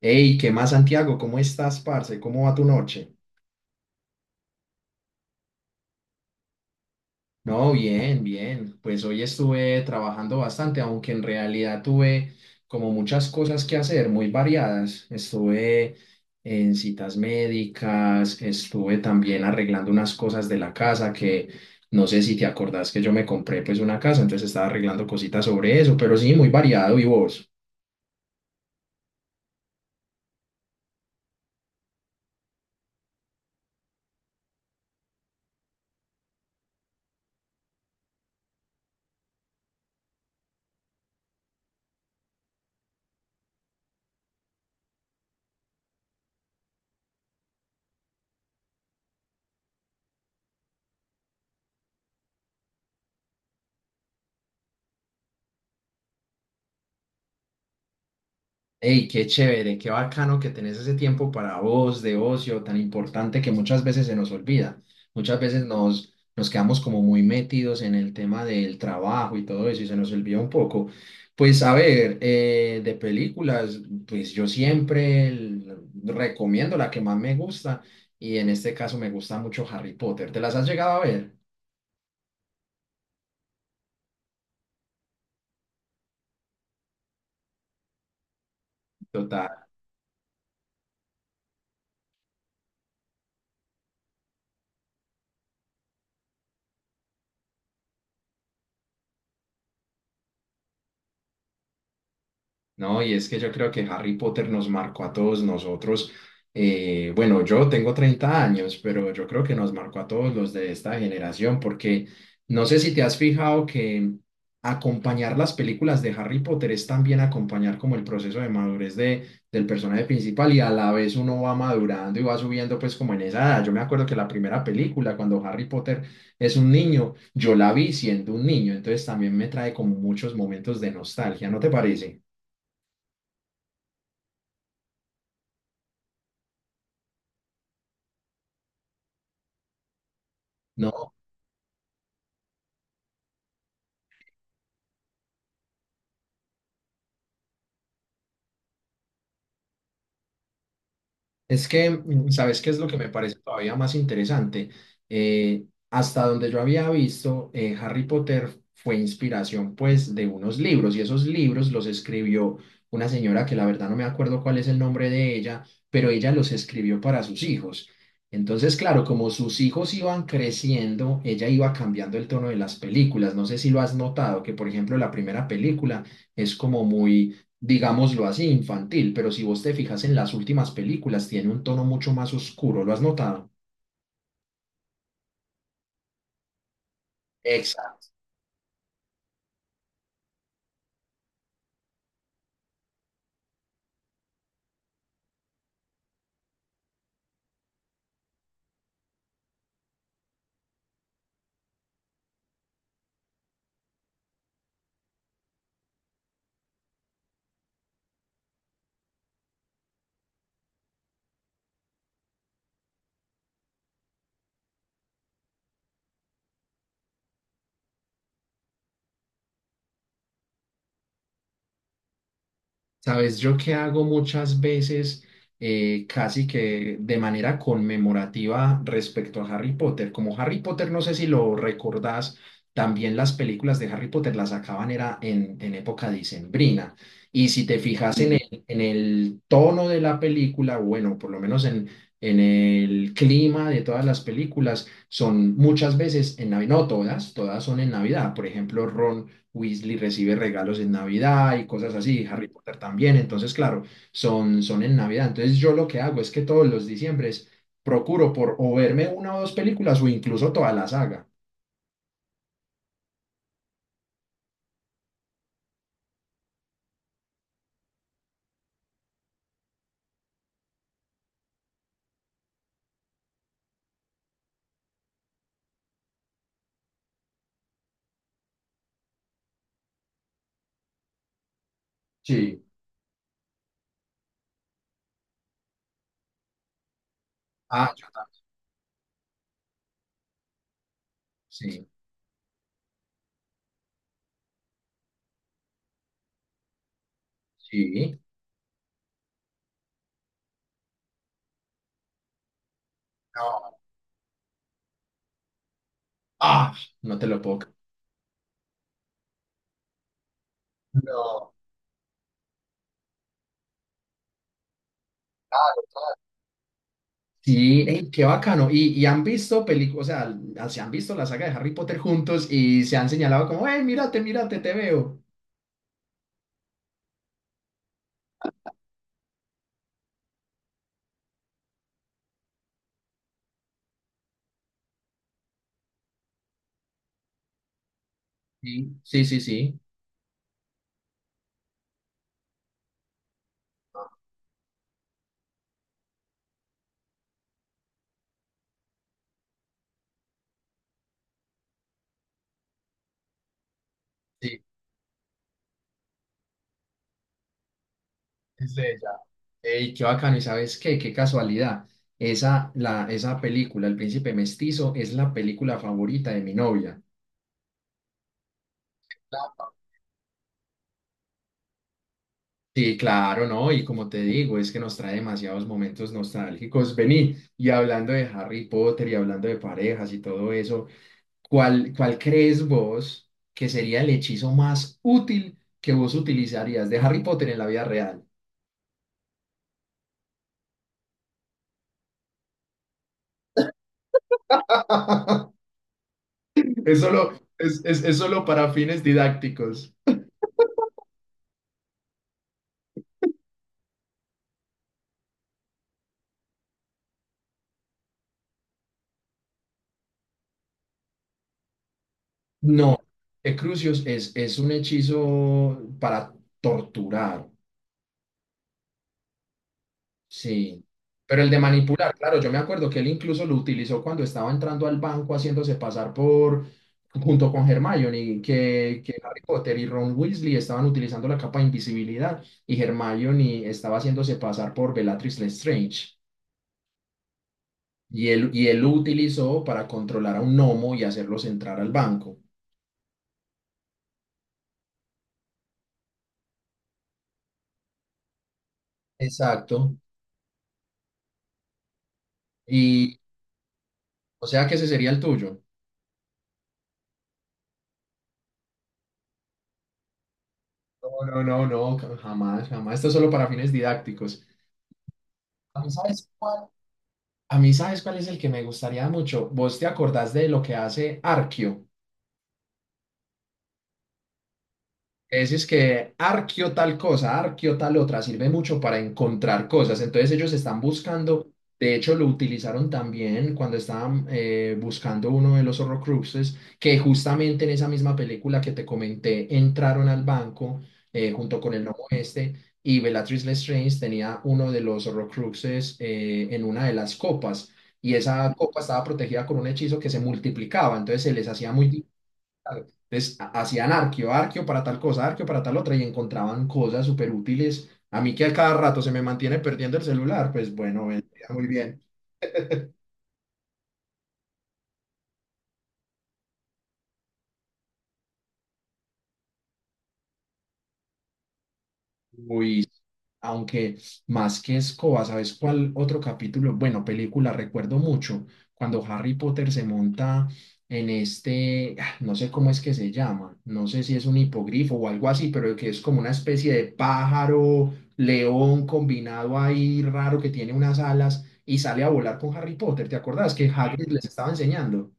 Hey, ¿qué más, Santiago? ¿Cómo estás, parce? ¿Cómo va tu noche? No, bien, bien. Pues hoy estuve trabajando bastante, aunque en realidad tuve como muchas cosas que hacer, muy variadas. Estuve en citas médicas, estuve también arreglando unas cosas de la casa que no sé si te acordás que yo me compré pues una casa, entonces estaba arreglando cositas sobre eso, pero sí, muy variado. ¿Y vos? Hey, qué chévere, qué bacano que tenés ese tiempo para vos de ocio tan importante que muchas veces se nos olvida. Muchas veces nos quedamos como muy metidos en el tema del trabajo y todo eso y se nos olvida un poco. Pues a ver, de películas, pues yo siempre recomiendo la que más me gusta y en este caso me gusta mucho Harry Potter. ¿Te las has llegado a ver? No, y es que yo creo que Harry Potter nos marcó a todos nosotros. Bueno, yo tengo 30 años, pero yo creo que nos marcó a todos los de esta generación, porque no sé si te has fijado que acompañar las películas de Harry Potter es también acompañar como el proceso de del personaje principal y a la vez uno va madurando y va subiendo pues como en esa edad. Yo me acuerdo que la primera película, cuando Harry Potter es un niño, yo la vi siendo un niño, entonces también me trae como muchos momentos de nostalgia, ¿no te parece? No, es que, ¿sabes qué es lo que me parece todavía más interesante? Eh, Hasta donde yo había visto, Harry Potter fue inspiración pues de unos libros y esos libros los escribió una señora que la verdad no me acuerdo cuál es el nombre de ella, pero ella los escribió para sus hijos. Entonces, claro, como sus hijos iban creciendo, ella iba cambiando el tono de las películas. No sé si lo has notado, que por ejemplo la primera película es como muy, digámoslo así, infantil, pero si vos te fijas en las últimas películas, tiene un tono mucho más oscuro, ¿lo has notado? Exacto. Sabes, yo que hago muchas veces, casi que de manera conmemorativa respecto a Harry Potter. Como Harry Potter, no sé si lo recordás, también las películas de Harry Potter las sacaban era en época dicembrina. Y si te fijas en sí, en el tono de la película, bueno, por lo menos en el clima de todas las películas, son muchas veces en Navidad, no todas, todas son en Navidad. Por ejemplo, Ron Weasley recibe regalos en Navidad y cosas así, Harry Potter también, entonces claro, son en Navidad. Entonces yo lo que hago es que todos los diciembres procuro por o verme una o dos películas o incluso toda la saga. Sí. Ah, yo también. Sí, sí. No. Ah, no te lo No. Sí, ey, qué bacano. Y han visto películas, o sea, ah, se han visto la saga de Harry Potter juntos y se han señalado como, hey, mírate, mírate, te veo. Sí, sí, sí, sí. Sí. Es de ella. Ey, qué bacano, ¿y sabes qué? Qué casualidad. Esa, la, esa película, El Príncipe Mestizo, es la película favorita de mi novia. Sí, claro, ¿no? Y como te digo, es que nos trae demasiados momentos nostálgicos. Vení, y hablando de Harry Potter y hablando de parejas y todo eso, ¿cuál, cuál crees vos que sería el hechizo más útil que vos utilizarías de Harry Potter en la vida real? Es solo, es solo para fines didácticos. No, Crucius es un hechizo para torturar, sí. Pero el de manipular, claro, yo me acuerdo que él incluso lo utilizó cuando estaba entrando al banco haciéndose pasar por, junto con Hermione, que Harry Potter y Ron Weasley estaban utilizando la capa de invisibilidad y Hermione estaba haciéndose pasar por Bellatrix Lestrange. Y él lo utilizó para controlar a un gnomo y hacerlos entrar al banco. Exacto. Y o sea que ese sería el tuyo. No, no, no, no, jamás, jamás. Esto es solo para fines didácticos. A mí, ¿sabes cuál? A mí, ¿sabes cuál es el que me gustaría mucho? ¿Vos te acordás de lo que hace Arquio? Decís que arqueo tal cosa, arqueo tal otra, sirve mucho para encontrar cosas. Entonces ellos están buscando, de hecho lo utilizaron también cuando estaban buscando uno de los Horrocruxes, que justamente en esa misma película que te comenté, entraron al banco junto con el gnomo este y Bellatrix Lestrange tenía uno de los Horrocruxes en una de las copas. Y esa copa estaba protegida con un hechizo que se multiplicaba, entonces se les hacía muy... Claro. Entonces hacían arqueo, arqueo para tal cosa, arqueo para tal otra y encontraban cosas súper útiles. A mí que a cada rato se me mantiene perdiendo el celular, pues bueno, vendría muy bien. Muy... Aunque más que escoba, ¿sabes cuál otro capítulo? Bueno, película, recuerdo mucho cuando Harry Potter se monta en este, ah, no sé cómo es que se llama, no sé si es un hipogrifo o algo así, pero que es como una especie de pájaro, león combinado ahí raro que tiene unas alas y sale a volar con Harry Potter. ¿Te acordás que Hagrid les estaba enseñando?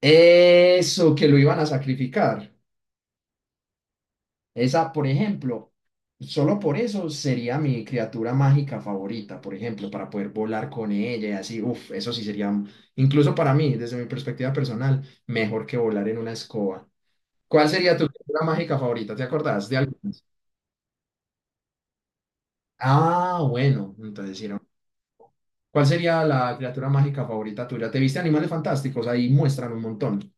Eso, que lo iban a sacrificar. Esa, por ejemplo, solo por eso sería mi criatura mágica favorita, por ejemplo, para poder volar con ella y así, uff, eso sí sería, incluso para mí, desde mi perspectiva personal, mejor que volar en una escoba. ¿Cuál sería tu criatura mágica favorita? ¿Te acordás de alguna? Ah, bueno, entonces sí, no. ¿Cuál sería la criatura mágica favorita tuya? ¿Te viste Animales Fantásticos? Ahí muestran un montón.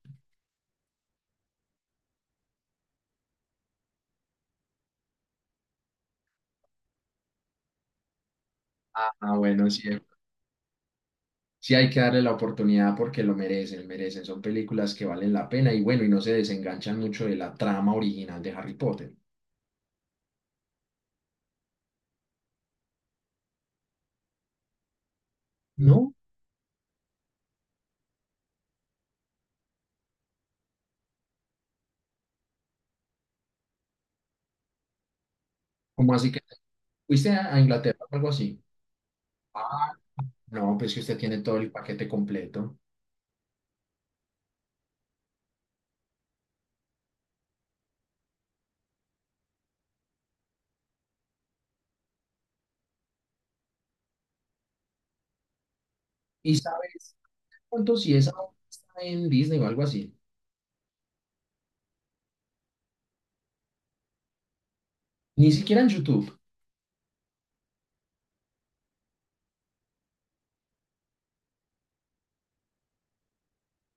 Ah, bueno, sí. Sí, hay que darle la oportunidad porque lo merecen, merecen. Son películas que valen la pena y bueno, y no se desenganchan mucho de la trama original de Harry Potter. ¿No? ¿Cómo así que fuiste a Inglaterra o algo así? Ah, no, pues que usted tiene todo el paquete completo. ¿Y sabes cuánto si esa obra está en Disney o algo así? Ni siquiera en YouTube.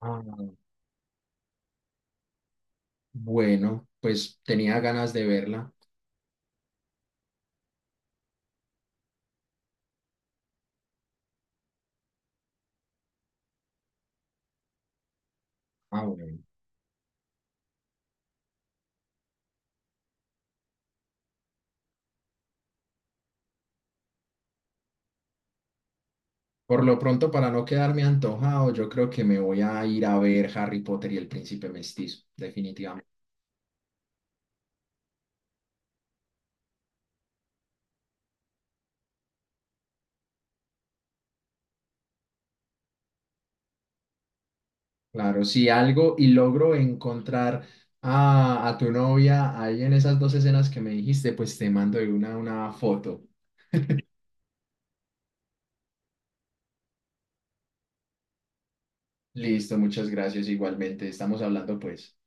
Ah, bueno, pues tenía ganas de verla. Ah, bueno. Por lo pronto, para no quedarme antojado, yo creo que me voy a ir a ver Harry Potter y el Príncipe Mestizo, definitivamente. Claro, si algo y logro encontrar a tu novia ahí en esas dos escenas que me dijiste, pues te mando una foto. Listo, muchas gracias igualmente. Estamos hablando pues.